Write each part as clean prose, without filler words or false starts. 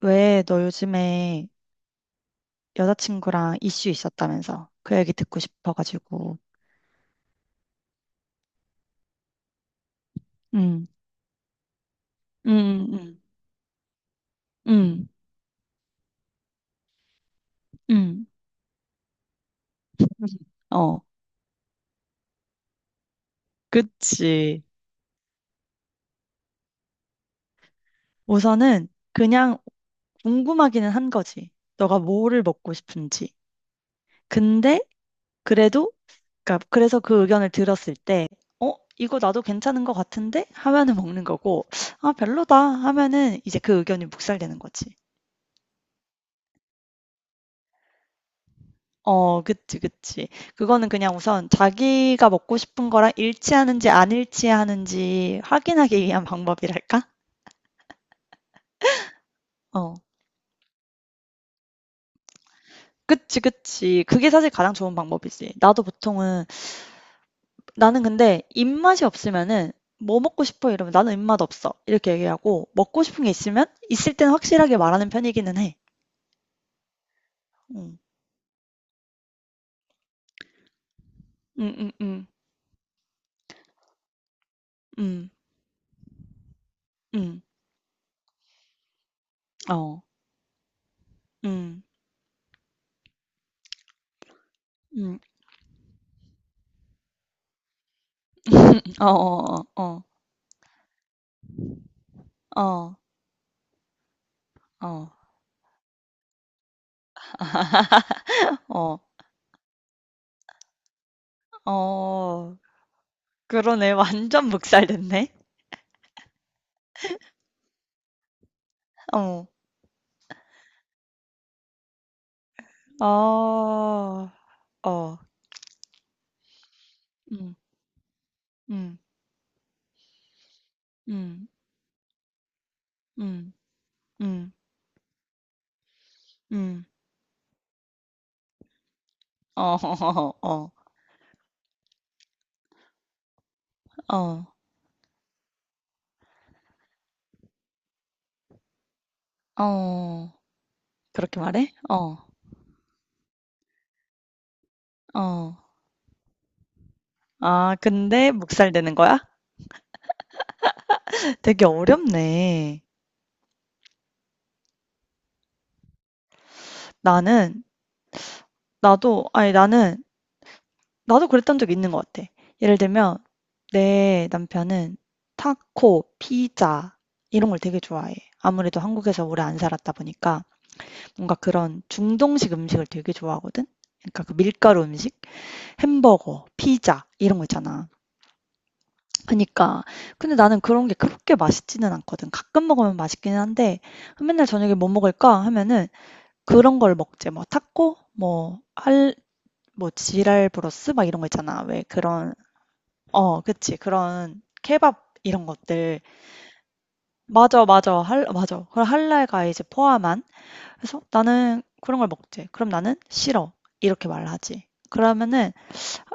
왜 너 요즘에 여자친구랑 이슈 있었다면서 그 얘기 듣고 싶어가지고. 응, 응 응 응 응, 어. 그치. 우선은 그냥 궁금하기는 한 거지. 너가 뭐를 먹고 싶은지. 근데 그래도 그러니까 그래서 그 의견을 들었을 때 어, 이거 나도 괜찮은 것 같은데 하면은 먹는 거고, 아, 별로다 하면은 이제 그 의견이 묵살되는 거지. 어 그치, 그치. 그거는 그냥 우선 자기가 먹고 싶은 거랑 일치하는지 안 일치하는지 확인하기 위한 방법이랄까? 어. 그치, 그치. 그게 사실 가장 좋은 방법이지. 나도 보통은 나는 근데 입맛이 없으면은 "뭐 먹고 싶어?" 이러면 "나는 입맛 없어." 이렇게 얘기하고, 먹고 싶은 게 있으면 있을 때는 확실하게 말하는 편이기는 해. 응, 응, 응, 응, 응. 응, 어. 응, 응, 어 어어어. 어. 어. 어. 어. 어, 어, 어. 그러네. 완전 묵살됐네. 어. 아. 어. 음. 음. 음. 음. 음. 음. 어. 어. 어. 어. 그렇게 말해? 어. 어. 아, 근데 묵살되는 거야? 되게 어렵네. 나는 나도 아니 나는 나도 그랬던 적 있는 것 같아. 예를 들면 내 남편은 타코, 피자 이런 걸 되게 좋아해. 아무래도 한국에서 오래 안 살았다 보니까. 뭔가 그런 중동식 음식을 되게 좋아하거든? 그러니까 그 밀가루 음식, 햄버거, 피자 이런 거 있잖아. 그러니까 근데 나는 그런 게 그렇게 맛있지는 않거든. 가끔 먹으면 맛있기는 한데 맨날 저녁에 뭐 먹을까 하면은 그런 걸 먹지. 뭐 타코, 뭐 지랄 브로스 막 이런 거 있잖아. 왜 그런. 어, 그치. 그런 케밥 이런 것들. 맞아, 맞아. 맞아. 그 할랄가 이제 포함한. 그래서 "나는 그런 걸 먹지." 그럼 "나는 싫어." 이렇게 말을 하지. 그러면은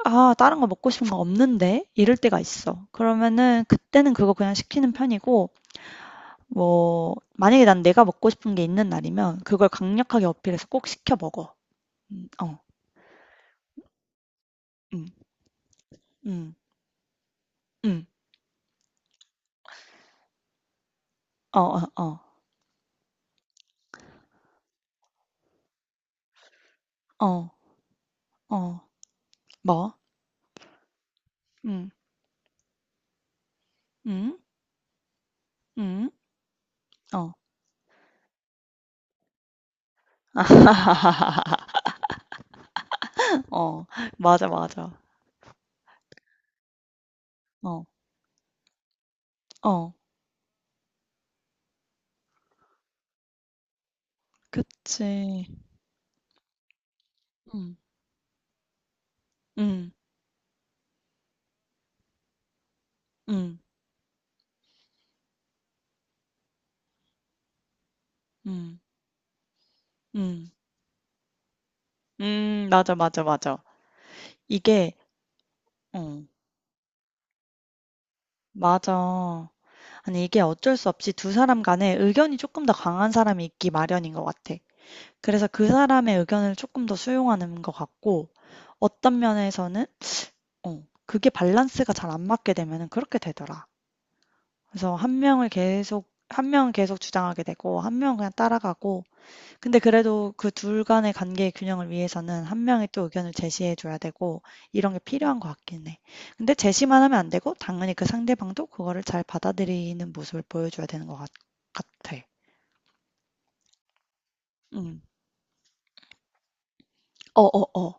"아, 다른 거 먹고 싶은 거 없는데." 이럴 때가 있어. 그러면은 그때는 그거 그냥 시키는 편이고, 뭐 만약에 난 내가 먹고 싶은 게 있는 날이면 그걸 강력하게 어필해서 꼭 시켜 먹어. 어. 음. 음. 음. 어어 어. 어. 어. 어, "뭐?" "음. 음. 음. 어." 어. 맞아, 맞아. 어. 어. 그치. 음. 음. 음. 음, 음, 맞아, 맞아, 맞아. 이게, 어, 맞아. 아니, 이게 어쩔 수 없이 두 사람 간에 의견이 조금 더 강한 사람이 있기 마련인 것 같아. 그래서 그 사람의 의견을 조금 더 수용하는 것 같고, 어떤 면에서는, 어, 그게 밸런스가 잘 안 맞게 되면은 그렇게 되더라. 그래서 한 명을 계속, 한 명은 계속 주장하게 되고, 한 명은 그냥 따라가고, 근데 그래도 그 둘 간의 관계의 균형을 위해서는 한 명이 또 의견을 제시해 줘야 되고 이런 게 필요한 것 같긴 해. 근데 제시만 하면 안 되고 당연히 그 상대방도 그거를 잘 받아들이는 모습을 보여줘야 되는 것 같 같아. 음. 어어어.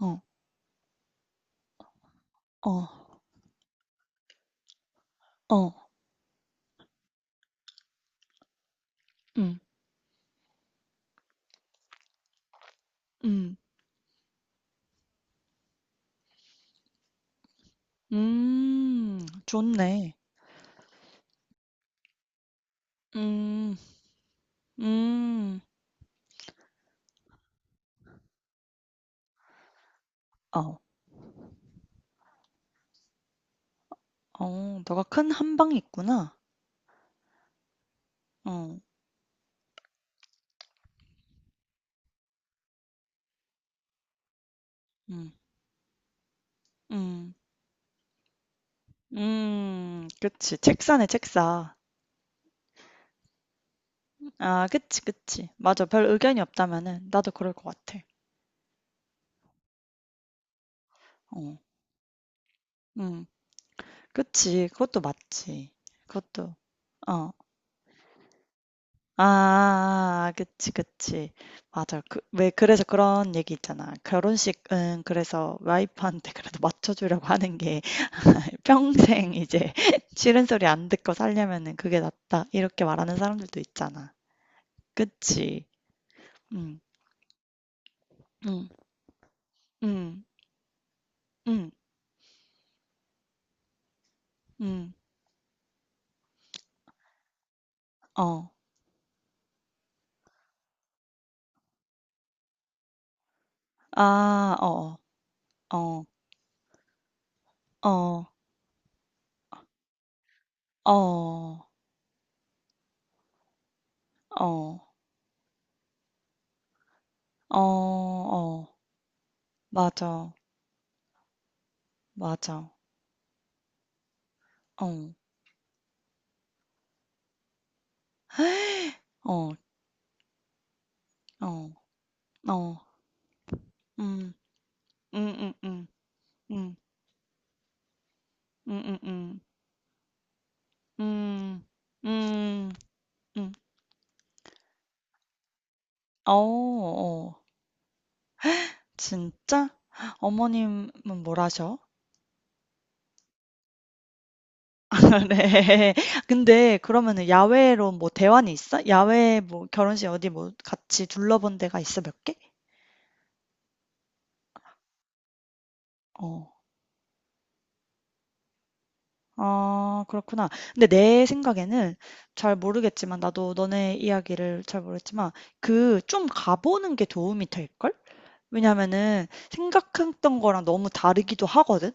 어. 어. 어. 어, 어. 음. 음. 음. 좋네. 음. 음. 어. 어. 너가 큰 한방이 있구나. 어. 음. 음. 음. 그치. 책사네 책사. 아, 그치, 그치. 맞아. 별 의견이 없다면은 나도 그럴 것 같아. 어, 음, 그치. 그것도 맞지. 그것도, 어, 아, 그치, 그치. 맞아. 그, 왜 그래서 그런 얘기 있잖아. 결혼식은 그래서 와이프한테 그래도 맞춰주려고 하는 게 평생 이제 싫은 소리 안 듣고 살려면은 그게 낫다. 이렇게 말하는 사람들도 있잖아. 그치. 음, 음, 음, 음, 음, 어, 아, 어, 어, 어. 어. 어. 어. 어. 맞아. 맞아. 어. 어. 어. 어. 음. 음. 음. 음. 음. 음. 음. 음. 음. 음. 음. 어. 어. 진짜? 어머님은 뭘 하셔? 네. 근데 그러면은 야외로 뭐 대환이 있어? 야외 뭐 결혼식 어디 뭐 같이 둘러본 데가 있어 몇 개? 어. 아, 그렇구나. 근데 내 생각에는 잘 모르겠지만 나도 너네 이야기를 잘 모르겠지만 그 좀 가보는 게 도움이 될걸? 왜냐면은 생각했던 거랑 너무 다르기도 하거든.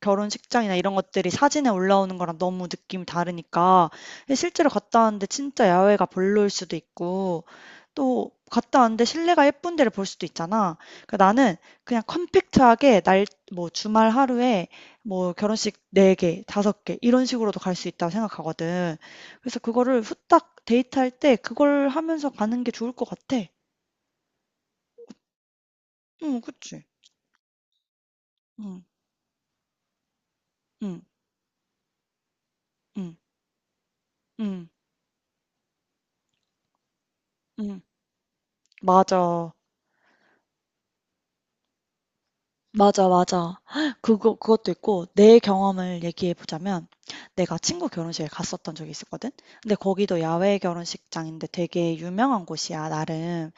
결혼식장이나 이런 것들이 사진에 올라오는 거랑 너무 느낌이 다르니까 예 실제로 갔다 왔는데 진짜 야외가 별로일 수도 있고, 또 갔다 왔는데 실내가 예쁜 데를 볼 수도 있잖아. 그러니까 나는 그냥 컴팩트하게 날 뭐 주말 하루에 뭐 결혼식 4개, 5개 이런 식으로도 갈 수 있다고 생각하거든. 그래서 그거를 후딱 데이트할 때 그걸 하면서 가는 게 좋을 것 같아. 응, 그치. 응, 응, 응, 응, 응. 맞아. 맞아, 맞아. 그거 그것도 있고 내 경험을 얘기해 보자면 내가 친구 결혼식에 갔었던 적이 있었거든. 근데 거기도 야외 결혼식장인데 되게 유명한 곳이야, 나름.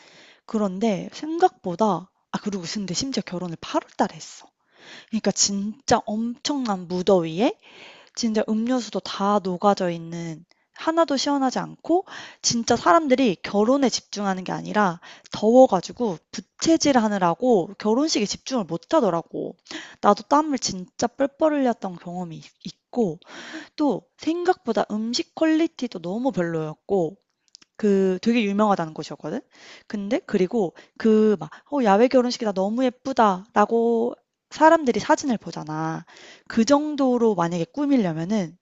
그런데 생각보다 아, 그리고 근데 심지어 결혼을 8월 달에 했어. 그러니까 진짜 엄청난 무더위에 진짜 음료수도 다 녹아져 있는, 하나도 시원하지 않고 진짜 사람들이 결혼에 집중하는 게 아니라 더워 가지고 부채질하느라고 결혼식에 집중을 못 하더라고. 나도 땀을 진짜 뻘뻘 흘렸던 경험이 있고, 또 생각보다 음식 퀄리티도 너무 별로였고 그 되게 유명하다는 곳이었거든. 근데 그리고 그 막 "어 야외 결혼식이다. 너무 예쁘다."라고 사람들이 사진을 보잖아. 그 정도로 만약에 꾸미려면은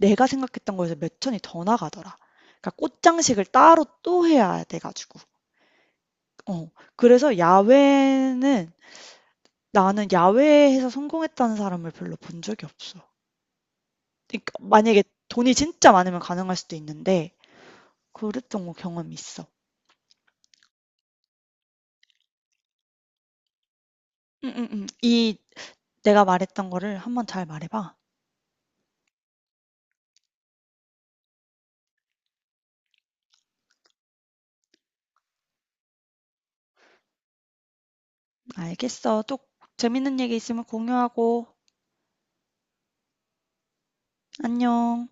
내가 생각했던 거에서 몇 천이 더 나가더라. 그러니까 꽃장식을 따로 또 해야 돼 가지고. 어. 그래서 야외는 나는 야외에서 성공했다는 사람을 별로 본 적이 없어. 그러니까 만약에 돈이 진짜 많으면 가능할 수도 있는데 그랬던 거 경험이 있어. 응응응 이 내가 말했던 거를 한번 잘 말해 봐. 알겠어. 또 재밌는 얘기 있으면 공유하고. 안녕.